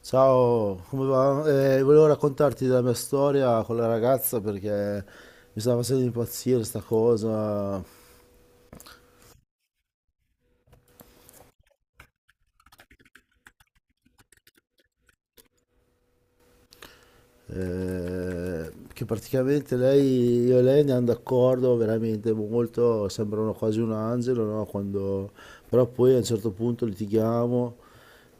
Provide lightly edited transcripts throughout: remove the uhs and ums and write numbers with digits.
Ciao, come va? Volevo raccontarti della mia storia con la ragazza perché mi stava facendo impazzire sta cosa, che praticamente io e lei andiamo d'accordo veramente molto, sembrano quasi un angelo, no? Però poi a un certo punto litighiamo,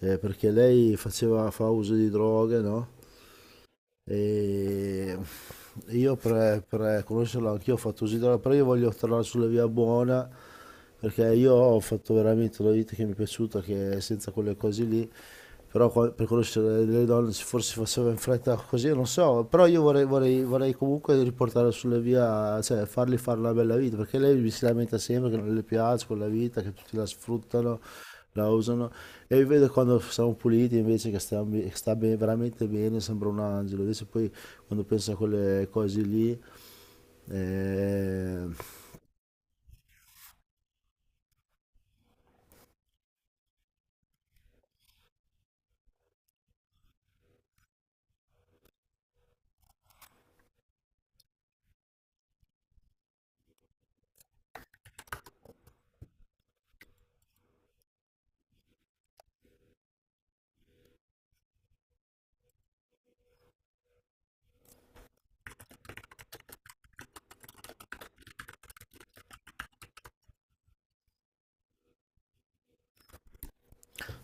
perché lei faceva, fa uso di droghe, no? E io per conoscerlo anch'io ho fatto così, no, però io voglio tornare sulla via buona perché io ho fatto veramente una vita che mi è piaciuta, che è senza quelle cose lì, però per conoscere le donne se forse faceva in fretta così, non so, però io vorrei comunque riportare sulla via, cioè fargli fare una bella vita, perché lei mi si lamenta sempre che non le piace quella vita, che tutti la sfruttano, la usano, e vi vedo quando siamo puliti invece che stiamo be- sta be- veramente bene, sembra un angelo. Invece poi quando penso a quelle cose lì, eh,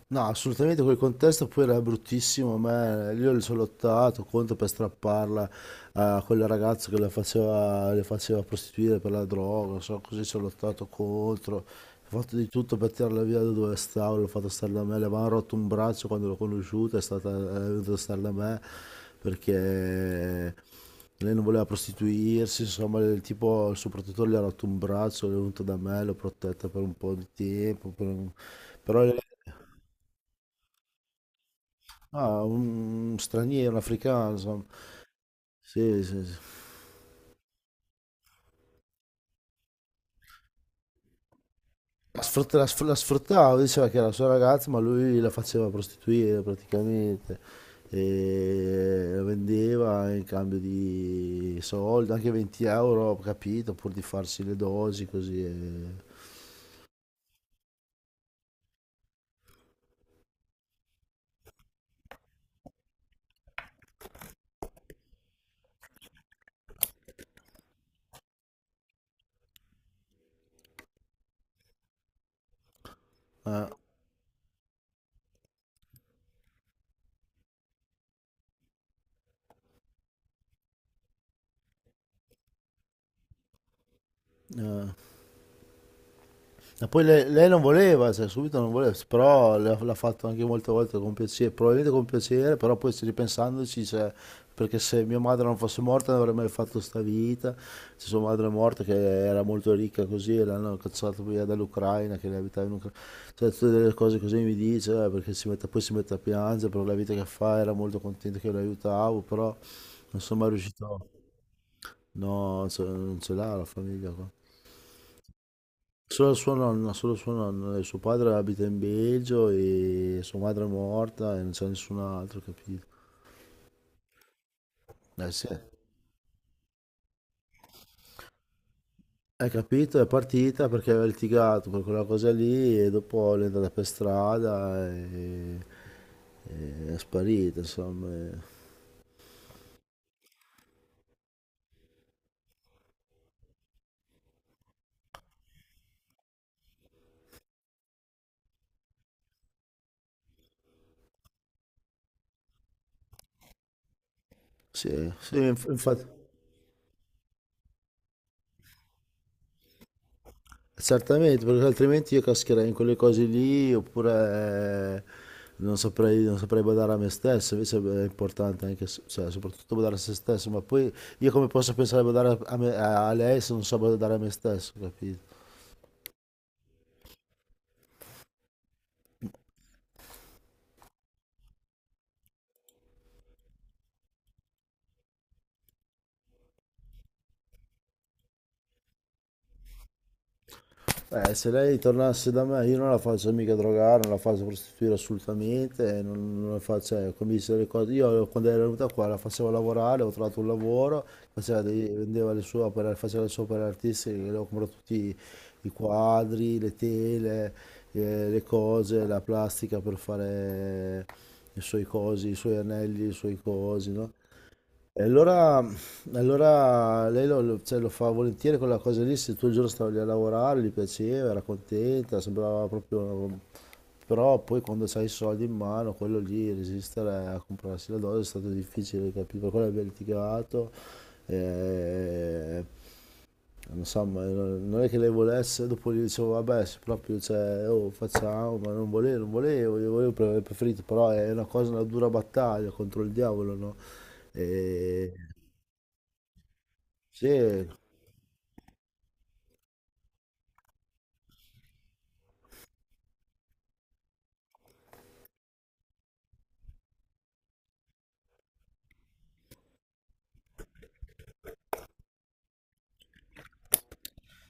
No, assolutamente quel contesto poi era bruttissimo, ma io le sono lottato contro per strapparla a quel ragazzo che la faceva, le faceva prostituire per la droga, so, così ci ho lottato contro, ho fatto di tutto per tirarla via da dove stavo, l'ho fatto stare da me, le avevano rotto un braccio quando l'ho conosciuta, è stata, è venuta a stare da me perché lei non voleva prostituirsi, insomma, il tipo, il suo protettore le ha rotto un braccio, è venuto da me, l'ho protetta per un po' di tempo, per un- però... lei- Ah, un straniero, un africano, insomma. Sì, sì, sì. La sfruttava, diceva che era la sua ragazza, ma lui la faceva prostituire praticamente e la vendeva in cambio di soldi, anche 20 euro, ho capito, pur di farsi le dosi così. eh, E poi lei non voleva, cioè, subito non voleva, però l'ha fatto anche molte volte con piacere, probabilmente con piacere, però poi ci ripensandoci, cioè, perché se mia madre non fosse morta non avrei mai fatto sta vita, se sua madre è morta che era molto ricca così, e l'hanno cacciata via dall'Ucraina, che lei abitava in Ucraina, cioè tutte delle cose così mi dice, perché poi si mette a piangere per la vita che fa, era molto contento che lo aiutavo, però non sono mai riuscito, no, cioè, non ce l'ha la famiglia qua. Solo sua nonna, solo suo nonno, e suo padre abita in Belgio e sua madre è morta e non c'è nessun altro, capito? Eh sì, hai capito? È partita perché aveva litigato per quella cosa lì e dopo è andata per strada e è sparita, insomma. Sì, sì, infatti. Certamente, perché altrimenti io cascherei in quelle cose lì oppure, non saprei badare a me stesso, invece è importante anche, cioè, soprattutto badare a se stesso, ma poi io come posso pensare a badare a, a lei se non so badare a me stesso, capito? Se lei tornasse da me, io non la faccio mica drogare, non la faccio prostituire assolutamente, non la faccio, cioè, come dice le cose. Io quando era venuta qua la facevo lavorare, ho trovato un lavoro, vendeva le sue opere, faceva le sue opere artistiche, le ho comprato tutti i quadri, le tele, le cose, la plastica per fare i suoi cosi, i suoi anelli, i suoi cosi, no? E allora, allora lei cioè, lo fa volentieri quella cosa lì, se tutto il giorno stava lì a lavorare, gli piaceva, era contenta, sembrava proprio... Però poi quando c'hai i soldi in mano, quello lì, resistere a comprarsi la dose è stato difficile, capito? Per quello abbiamo litigato, eh, insomma, non è che lei volesse, dopo gli dicevo, vabbè, se proprio, cioè, oh, facciamo, ma non volevo, non volevo, io volevo, avrei preferito, però è una cosa, una dura battaglia contro il diavolo, no? E... Sì,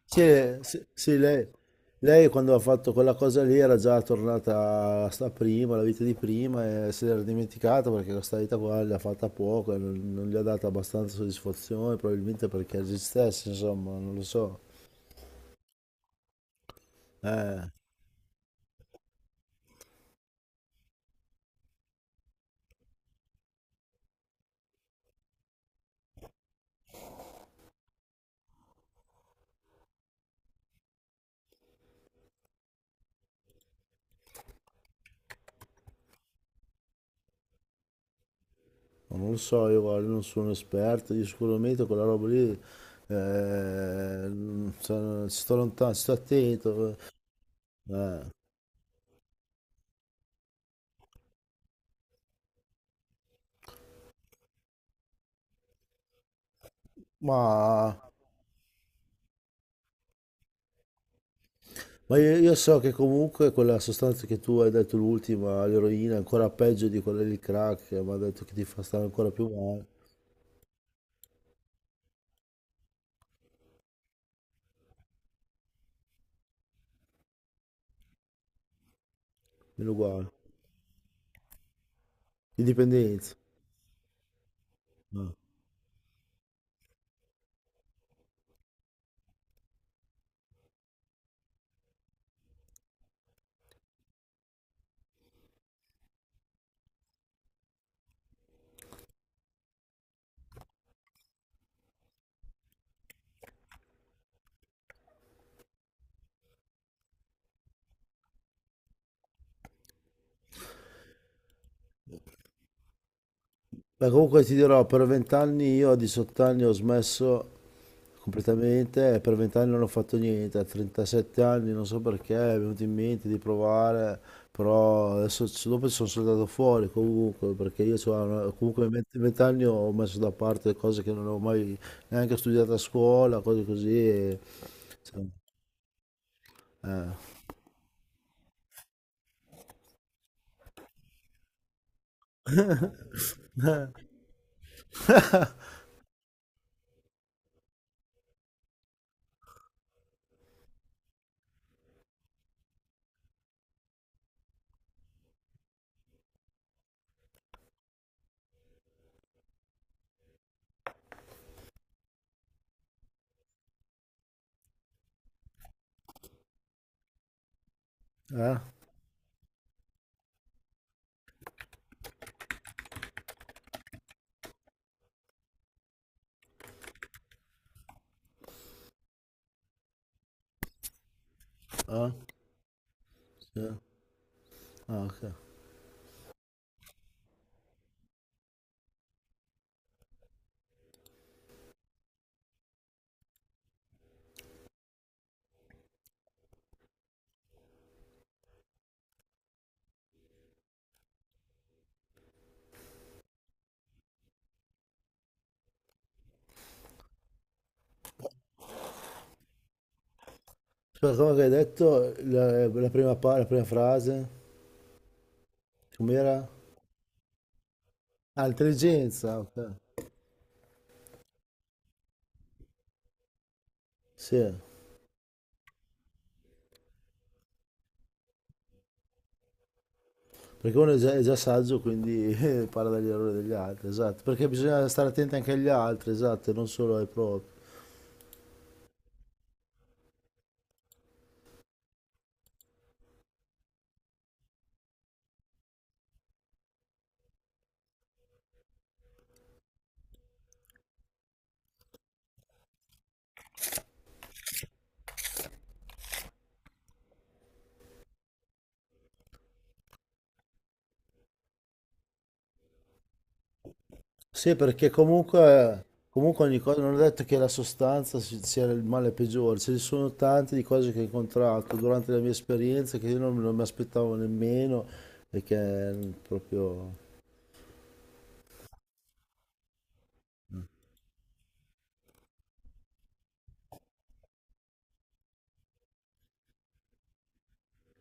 sì, sì, sì, lei quando ha fatto quella cosa lì era già tornata a sta prima, la vita di prima, e se l'era dimenticata perché questa vita qua l'ha fatta poco, e non gli ha dato abbastanza soddisfazione, probabilmente perché esistesse, insomma, non lo so. Eh, Ma non lo so, io guarda, non sono un esperto, io sicuramente quella roba lì, ci sto lontano, ci sto attento, eh, ma, ma io so che comunque quella sostanza che tu hai detto l'ultima, l'eroina, è ancora peggio di quella del crack, che mi ha detto che ti fa stare ancora più male, meno uguale, indipendenza. Ah. Beh, comunque ti dirò, per vent'anni io a 18 anni ho smesso completamente e per vent'anni non ho fatto niente, a 37 anni non so perché mi è venuto in mente di provare, però adesso dopo sono saltato fuori comunque, perché io c'ho comunque a 20 vent'anni ho messo da parte cose che non avevo mai neanche studiato a scuola, cose così. cioè, eh. Eh? Ah, sì. Ah, ok. Aspetta, come che hai detto la prima, la prima frase? Com'era? Ah, intelligenza, ok. Sì, perché uno è già saggio, quindi parla dagli errori degli altri, esatto. Perché bisogna stare attenti anche agli altri, esatto, e non solo ai propri. Sì, perché comunque, comunque ogni cosa, non è detto che la sostanza sia il male peggiore, ce ne sono tante di cose che ho incontrato durante la mia esperienza che io non mi aspettavo nemmeno, perché proprio...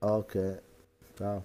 Ah, ok, ciao.